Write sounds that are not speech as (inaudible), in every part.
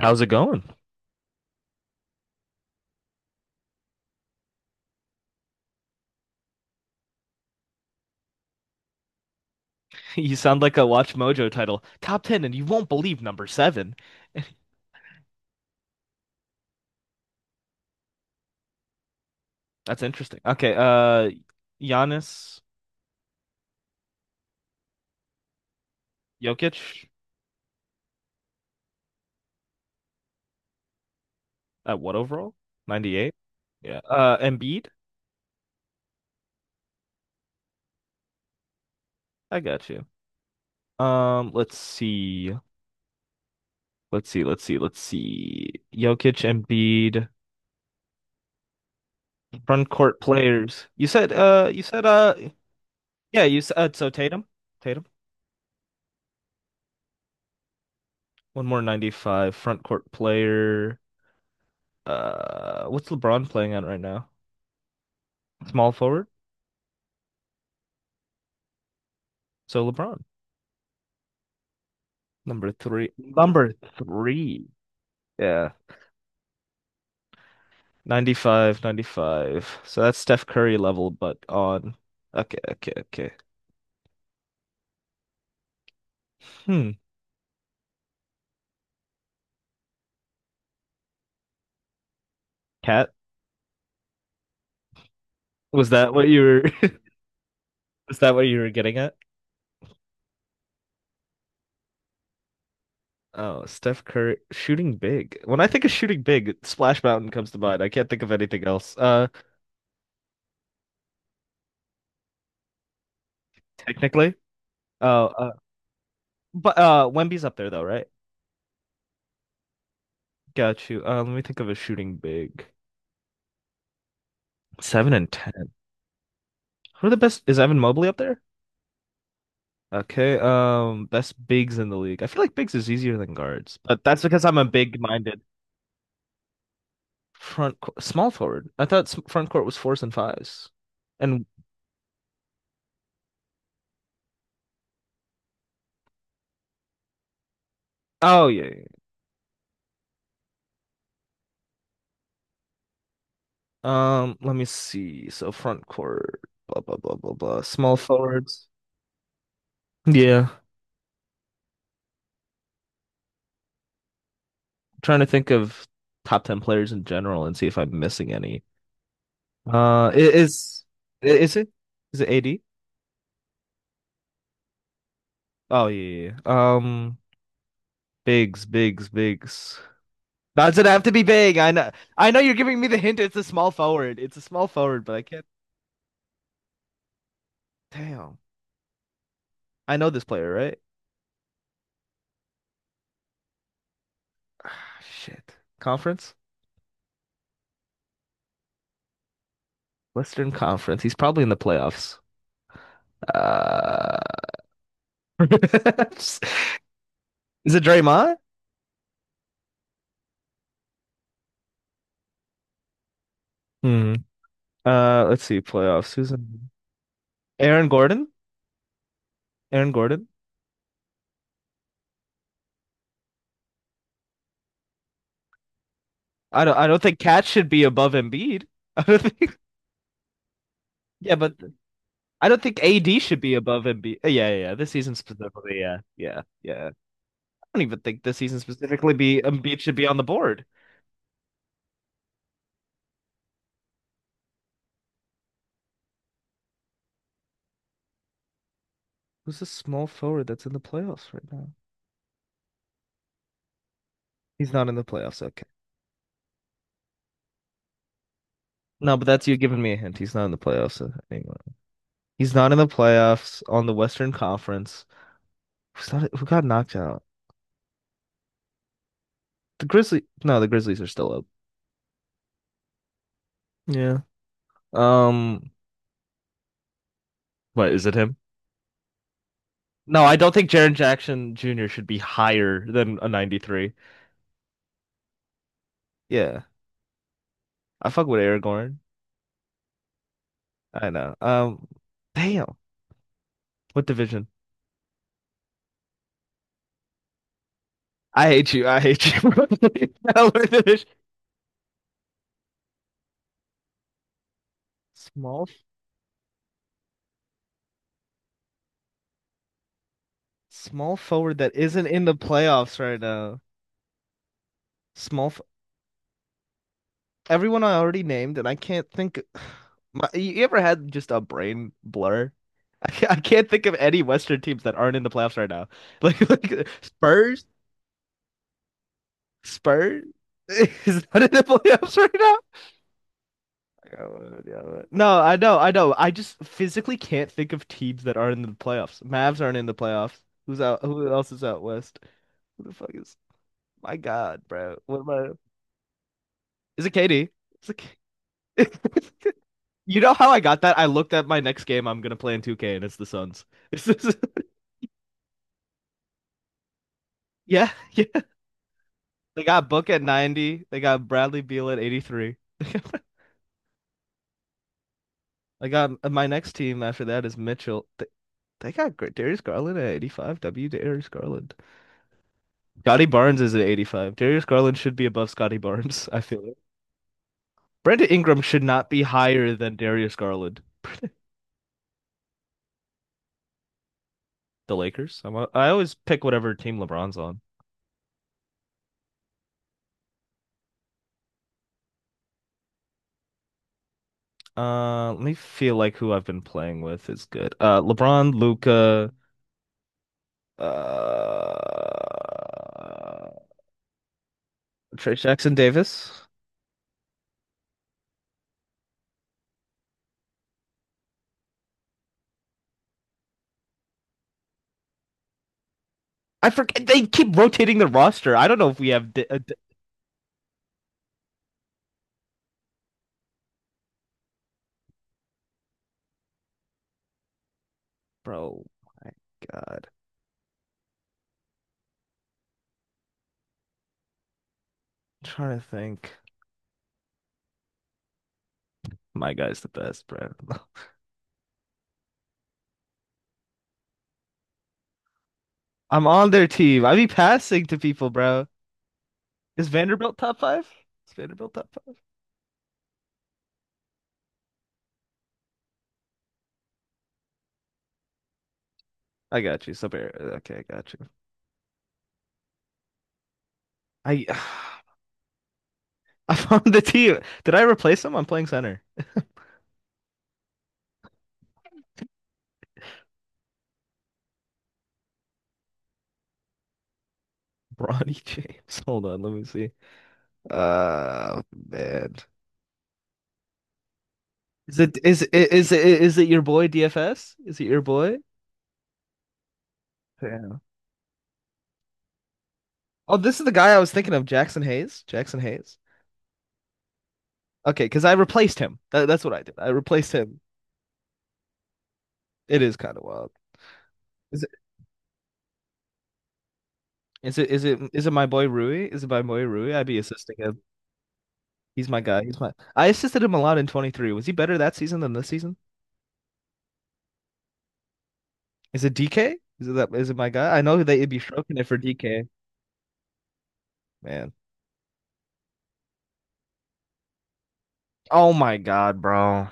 How's it going? (laughs) You sound like a Watch Mojo title. Top 10 and you won't believe number 7. (laughs) That's interesting. Okay, Giannis Jokic at what overall? 98? Yeah. Embiid? I got you. Let's see. Let's see. Let's see. Let's see. Jokic, Embiid, front court players. You said yeah, you said so Tatum. Tatum. One more 95 front court player. What's LeBron playing at right now? Small forward. So LeBron, number three. Number three. Yeah. 95, 95. So that's Steph Curry level, but on. Okay, okay, okay. Hmm. Cat, was that what you were (laughs) was that what you were getting at? Oh, Steph Curry shooting big. When I think of shooting big, Splash Mountain comes to mind. I can't think of anything else. Technically. Oh, but Wemby's up there though, right? Got you. Let me think of a shooting big. Seven and 10. Who are the best? Is Evan Mobley up there? Okay, best bigs in the league. I feel like bigs is easier than guards, but that's because I'm a big-minded front co small forward. I thought front court was fours and fives, and oh yeah. Yeah. Let me see. So front court, blah blah blah blah blah. Small forwards. Yeah, trying to think of top 10 players in general and see if I'm missing any. Uh, i- is i- is it is it AD? Oh yeah, yeah. Yeah. Bigs, bigs, bigs. Doesn't have to be big. I know. I know you're giving me the hint. It's a small forward. It's a small forward, but I can't. Damn. I know this player, right? (sighs) Shit. Conference? Western Conference. He's probably in the playoffs. Uh, (laughs) is it Draymond? Hmm. Let's see. Playoffs. Who's in? Aaron Gordon? Aaron Gordon? I don't. I don't think Cat should be above Embiid. (laughs) I don't think. Yeah, but I don't think AD should be above Embiid. Yeah, yeah, yeah. This season specifically. Yeah, yeah, yeah. Don't even think this season specifically be Embiid should be on the board. Who's the small forward that's in the playoffs right now? He's not in the playoffs. Okay. No, but that's you giving me a hint. He's not in the playoffs anymore. He's not in the playoffs on the Western Conference. Who's not, who got knocked out? The Grizzlies. No, the Grizzlies are still up. Yeah. Um. What is it? Him? No, I don't think Jaren Jackson Jr. should be higher than a 93. Yeah. I fuck with Aragorn. I know. Damn. What division? I hate you. I hate you. (laughs) Tyler English. Small, small forward that isn't in the playoffs right now. Small, f- everyone I already named, and I can't think. (sighs) You ever had just a brain blur? (laughs) I can't think of any Western teams that aren't in the playoffs right now. (laughs) Like Spurs, (laughs) is not in the playoffs right now. Yeah, well, yeah, well. No, I know. I just physically can't think of teams that aren't in the playoffs. Mavs aren't in the playoffs. Who's out? Who else is out west? Who the fuck is? My God, bro. What am I? Is it KD? It's it. (laughs) You know how I got that? I looked at my next game I'm gonna play in 2K and it's the Suns. It's the- (laughs) Yeah, yeah. They got Book at 90. They got Bradley Beal at 83. (laughs) I got my next team after that is Mitchell. They got Darius Garland at 85. W Darius Garland. Scotty Barnes is at 85. Darius Garland should be above Scotty Barnes, I feel it. Brandon Ingram should not be higher than Darius Garland. The Lakers. I always pick whatever team LeBron's on. Let me feel like who I've been playing with is good. LeBron, Luca, uh, Trey Jackson Davis. I forget they keep rotating the roster. I don't know if we have bro. My God, I'm trying to think. My guy's the best, bro. (laughs) I'm on their team. I be passing to people, bro. Is Vanderbilt top five? Is Vanderbilt top five? I got you. So, okay, I got you. I (sighs) (laughs) I found the team. Did I replace him? I'm playing center. (laughs) Bronny James. Hold on, let me see. Uh, man. Is it your boy DFS? Is it your boy? Damn. Oh, this is the guy I was thinking of, Jackson Hayes. Jackson Hayes. Okay, because I replaced him. That's what I did. I replaced him. It is kind of wild. Is it is it my boy Rui? Is it my boy Rui? I'd be assisting him. He's my guy. He's my. I assisted him a lot in 23. Was he better that season than this season? Is it DK? Is it that? Is it my guy? I know that it'd be stroking it for DK. Man. Oh my God, bro.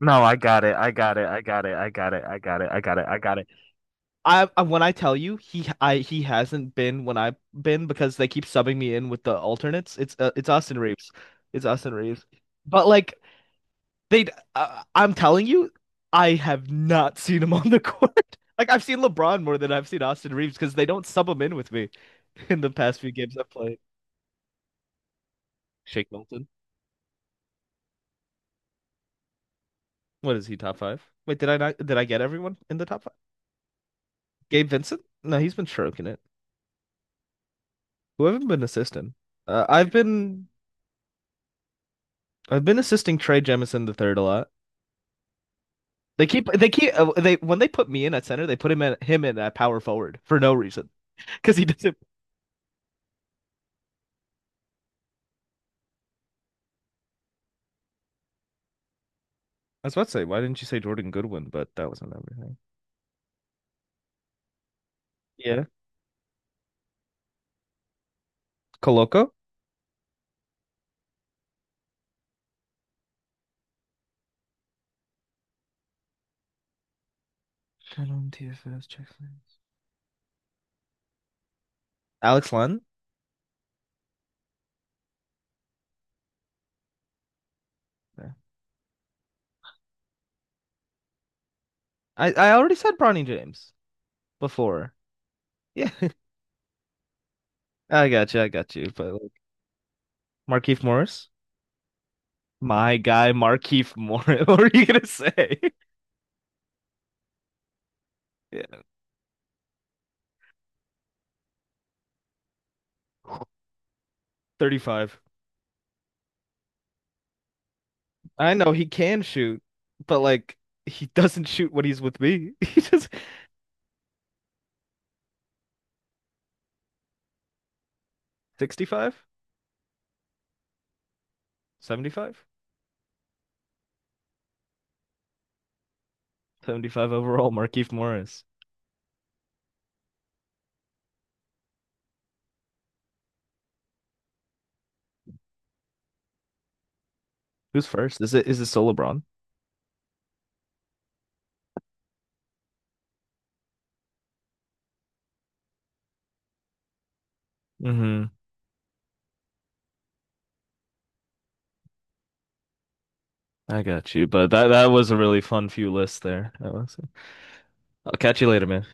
No, I got it. I got it. I got it. I got it. I got it. I got it. I got it. I when I tell you he hasn't been when I've been because they keep subbing me in with the alternates. It's Austin Reeves. It's Austin Reeves. But like they, I'm telling you, I have not seen him (laughs) on the court. (laughs) Like I've seen LeBron more than I've seen Austin Reeves because they don't sub him in with me (laughs) in the past few games I've played. Shake Milton. What is he, top five? Wait, did I not did I get everyone in the top five? Gabe Vincent? No, he's been stroking it. Who haven't been assisting? Uh, I've been I've been assisting Trey Jemison the third a lot. They when they put me in at center, they put him at him in at power forward for no reason because he doesn't. I was about to say, why didn't you say Jordan Goodwin? But that wasn't everything. Yeah, Koloko. TFS, Alex Len. Yeah. I already said Bronny James before. Yeah, (laughs) I got you. I got you. But like, Markeith Morris. My guy, Markieff Morris. (laughs) What were you gonna say? (laughs) Yeah, 35. I know he can shoot, but like he doesn't shoot when he's with me. (laughs) He just 65, 75, 75 overall, Markieff Morris. Who's first? Is it still LeBron? Mm-hmm. I got you, but that was a really fun few lists there. That was. I'll catch you later, man.